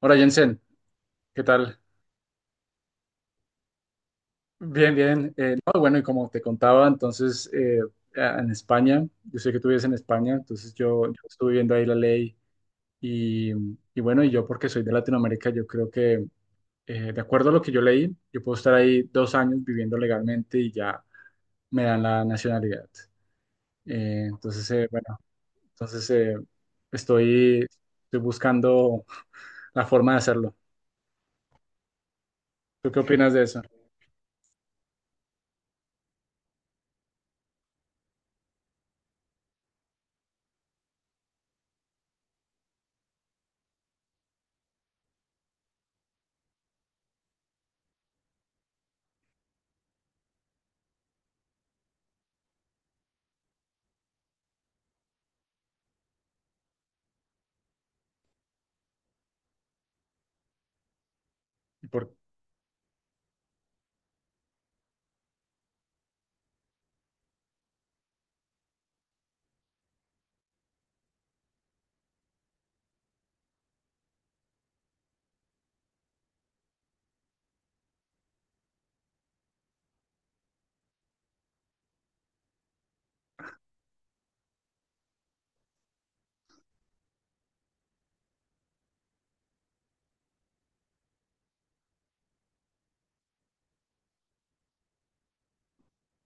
Hola Jensen, ¿qué tal? Bien, bien. No, bueno, y como te contaba, en España, yo sé que tú vives en España, entonces yo estuve viendo ahí la ley y, y bueno, y yo porque soy de Latinoamérica, yo creo que de acuerdo a lo que yo leí, yo puedo estar ahí 2 años viviendo legalmente y ya me dan la nacionalidad. Eh, entonces, eh, bueno, entonces, estoy, estoy buscando la forma de hacerlo. ¿Tú qué opinas de eso?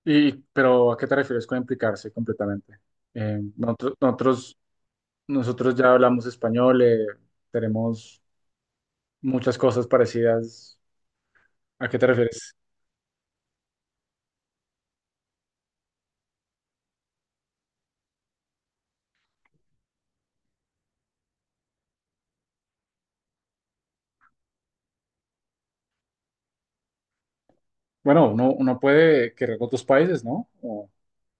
Pero ¿a qué te refieres con implicarse completamente? Eh, nosotros, nosotros, nosotros ya hablamos español, tenemos muchas cosas parecidas. ¿A qué te refieres? Bueno, uno puede querer otros países, ¿no? O,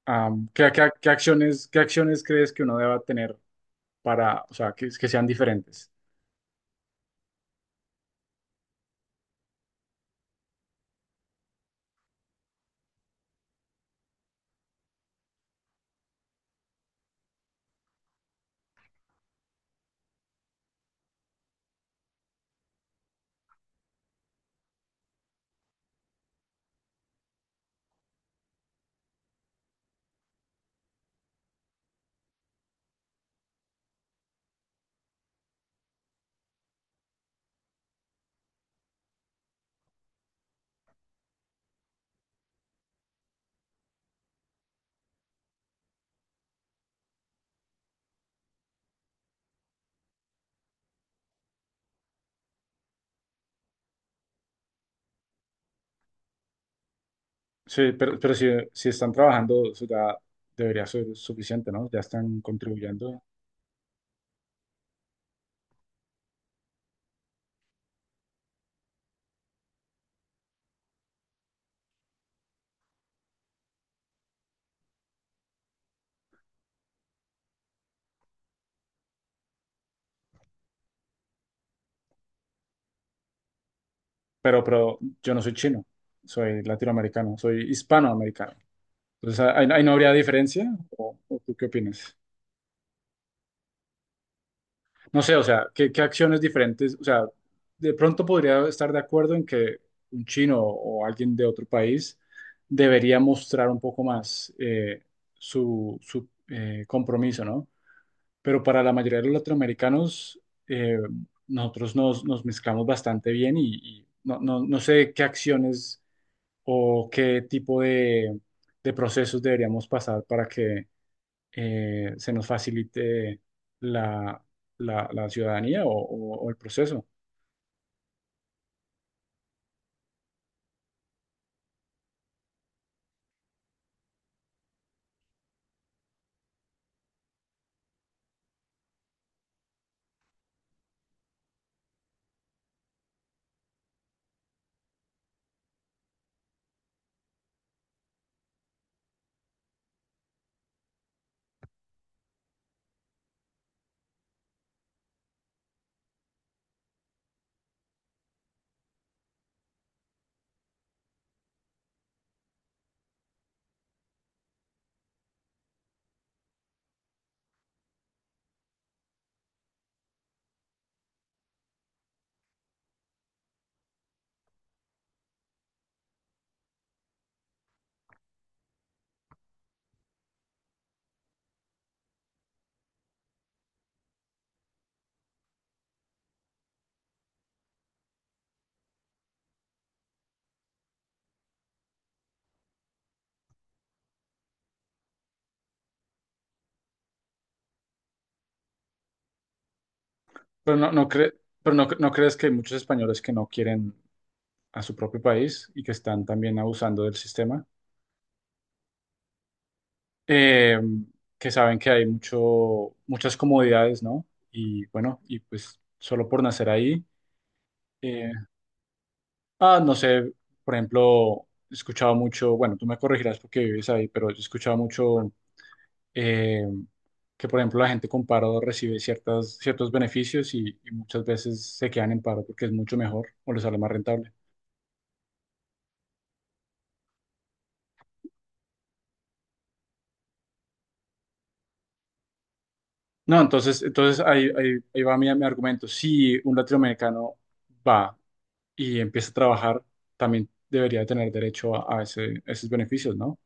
am, ¿qué, qué- qué acciones crees que uno deba tener para, o sea, que sean diferentes? Sí, pero si están trabajando, eso ya debería ser suficiente, ¿no? Ya están contribuyendo. Pero yo no soy chino, soy latinoamericano, soy hispanoamericano. Entonces, ahí no habría diferencia, ¿O tú qué opinas? No sé, o sea, ¿Qué acciones diferentes? O sea, de pronto podría estar de acuerdo en que un chino o alguien de otro país debería mostrar un poco más compromiso, ¿no? Pero para la mayoría de los latinoamericanos, eh, nosotros nos mezclamos bastante bien y no sé qué acciones o qué tipo de procesos deberíamos pasar para que se nos facilite la, la ciudadanía o el proceso. Pero no, no cre- pero no crees que hay muchos españoles que no quieren a su propio país y que están también abusando del sistema, Eh, que saben que hay muchas comodidades, ¿no? Y bueno, y pues solo por nacer ahí. eh, no sé, por ejemplo, he escuchado mucho, bueno, tú me corregirás porque vives ahí, pero yo he escuchado mucho eh, que por ejemplo la gente con paro recibe ciertos beneficios y muchas veces se quedan en paro porque es mucho mejor o les sale más rentable. No, entonces ahí va mi argumento. Si un latinoamericano va y empieza a trabajar, también debería tener derecho a esos beneficios, ¿no?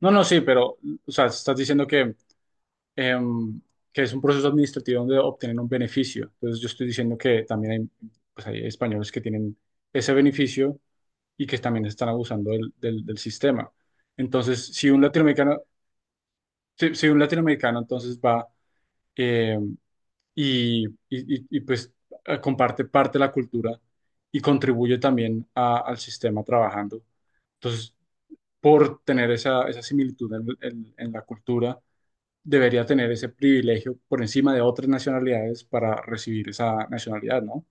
No, no, sí, pero, o sea, estás diciendo que em, que es un proceso administrativo donde obtienen un beneficio. Entonces yo estoy diciendo que también pues hay españoles que tienen ese beneficio y que también están abusando del sistema. Entonces, si un latinoamericano entonces va, eh, pues comparte parte de la cultura y contribuye también al sistema trabajando, entonces por tener esa similitud en la cultura, debería tener ese privilegio por encima de otras nacionalidades para recibir esa nacionalidad, ¿no?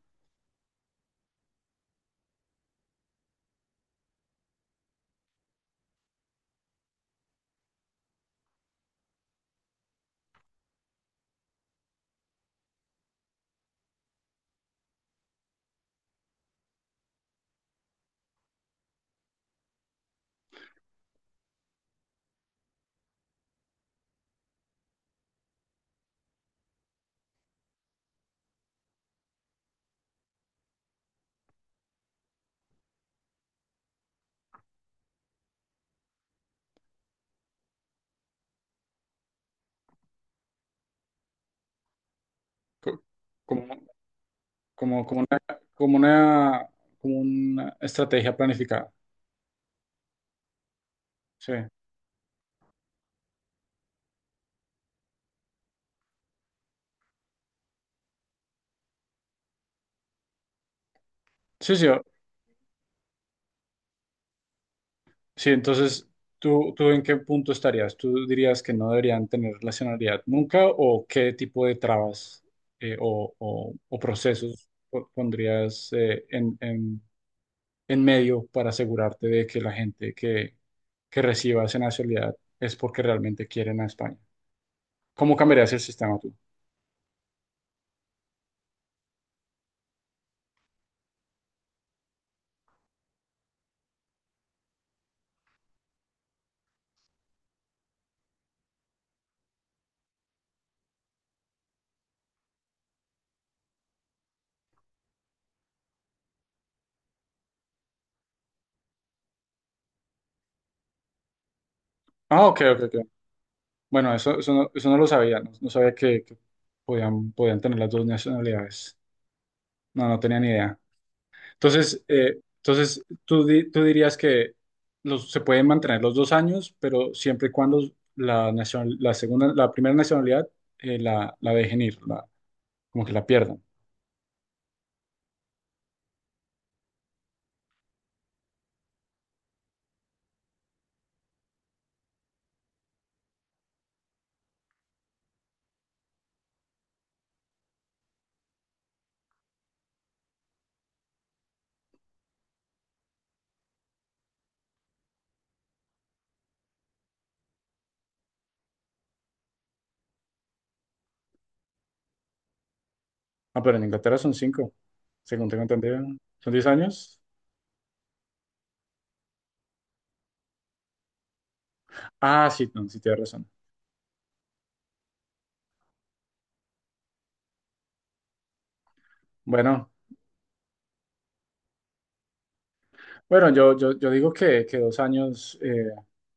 Co- Como, como, como una, como una, como una estrategia planificada. Sí, sí, sí. Sí, entonces, ¿Tú en qué punto estarías? ¿Tú dirías que no deberían tener nacionalidad nunca o qué tipo de trabas o procesos pondrías en medio para asegurarte de que la gente que reciba esa nacionalidad es porque realmente quieren a España. ¿Cómo cambiarías el sistema tú? Ah, ok, ok, ok. Bueno, no, eso no lo sabía, no sabía que podían tener las dos nacionalidades. No tenía ni idea. Entonces, tú dirías que se pueden mantener los 2 años, pero siempre y cuando la primera nacionalidad, la dejen ir, como que la pierdan. Ah, pero en Inglaterra son cinco, según tengo entendido. ¿Son 10 años? Ah, sí, no, sí, tienes razón. Bueno, Bueno, yo digo que 2 años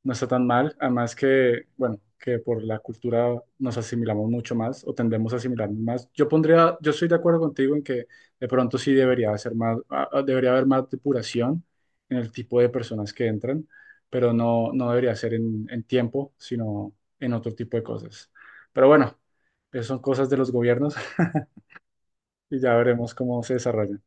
no está tan mal, además que, bueno, que por la cultura nos asimilamos mucho más o tendemos a asimilar más. Yo estoy de acuerdo contigo en que de pronto sí debería ser más, debería haber más depuración en el tipo de personas que entran, pero no debería ser en tiempo, sino en otro tipo de cosas. Pero bueno, esas son cosas de los gobiernos y ya veremos cómo se desarrollan.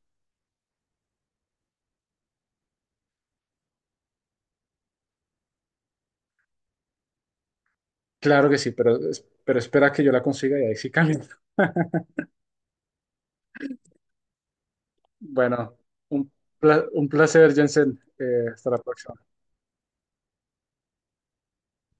Claro que sí, pero espera que yo la consiga y ahí sí cambia. Bueno, un, un placer, Jensen. Hasta la próxima.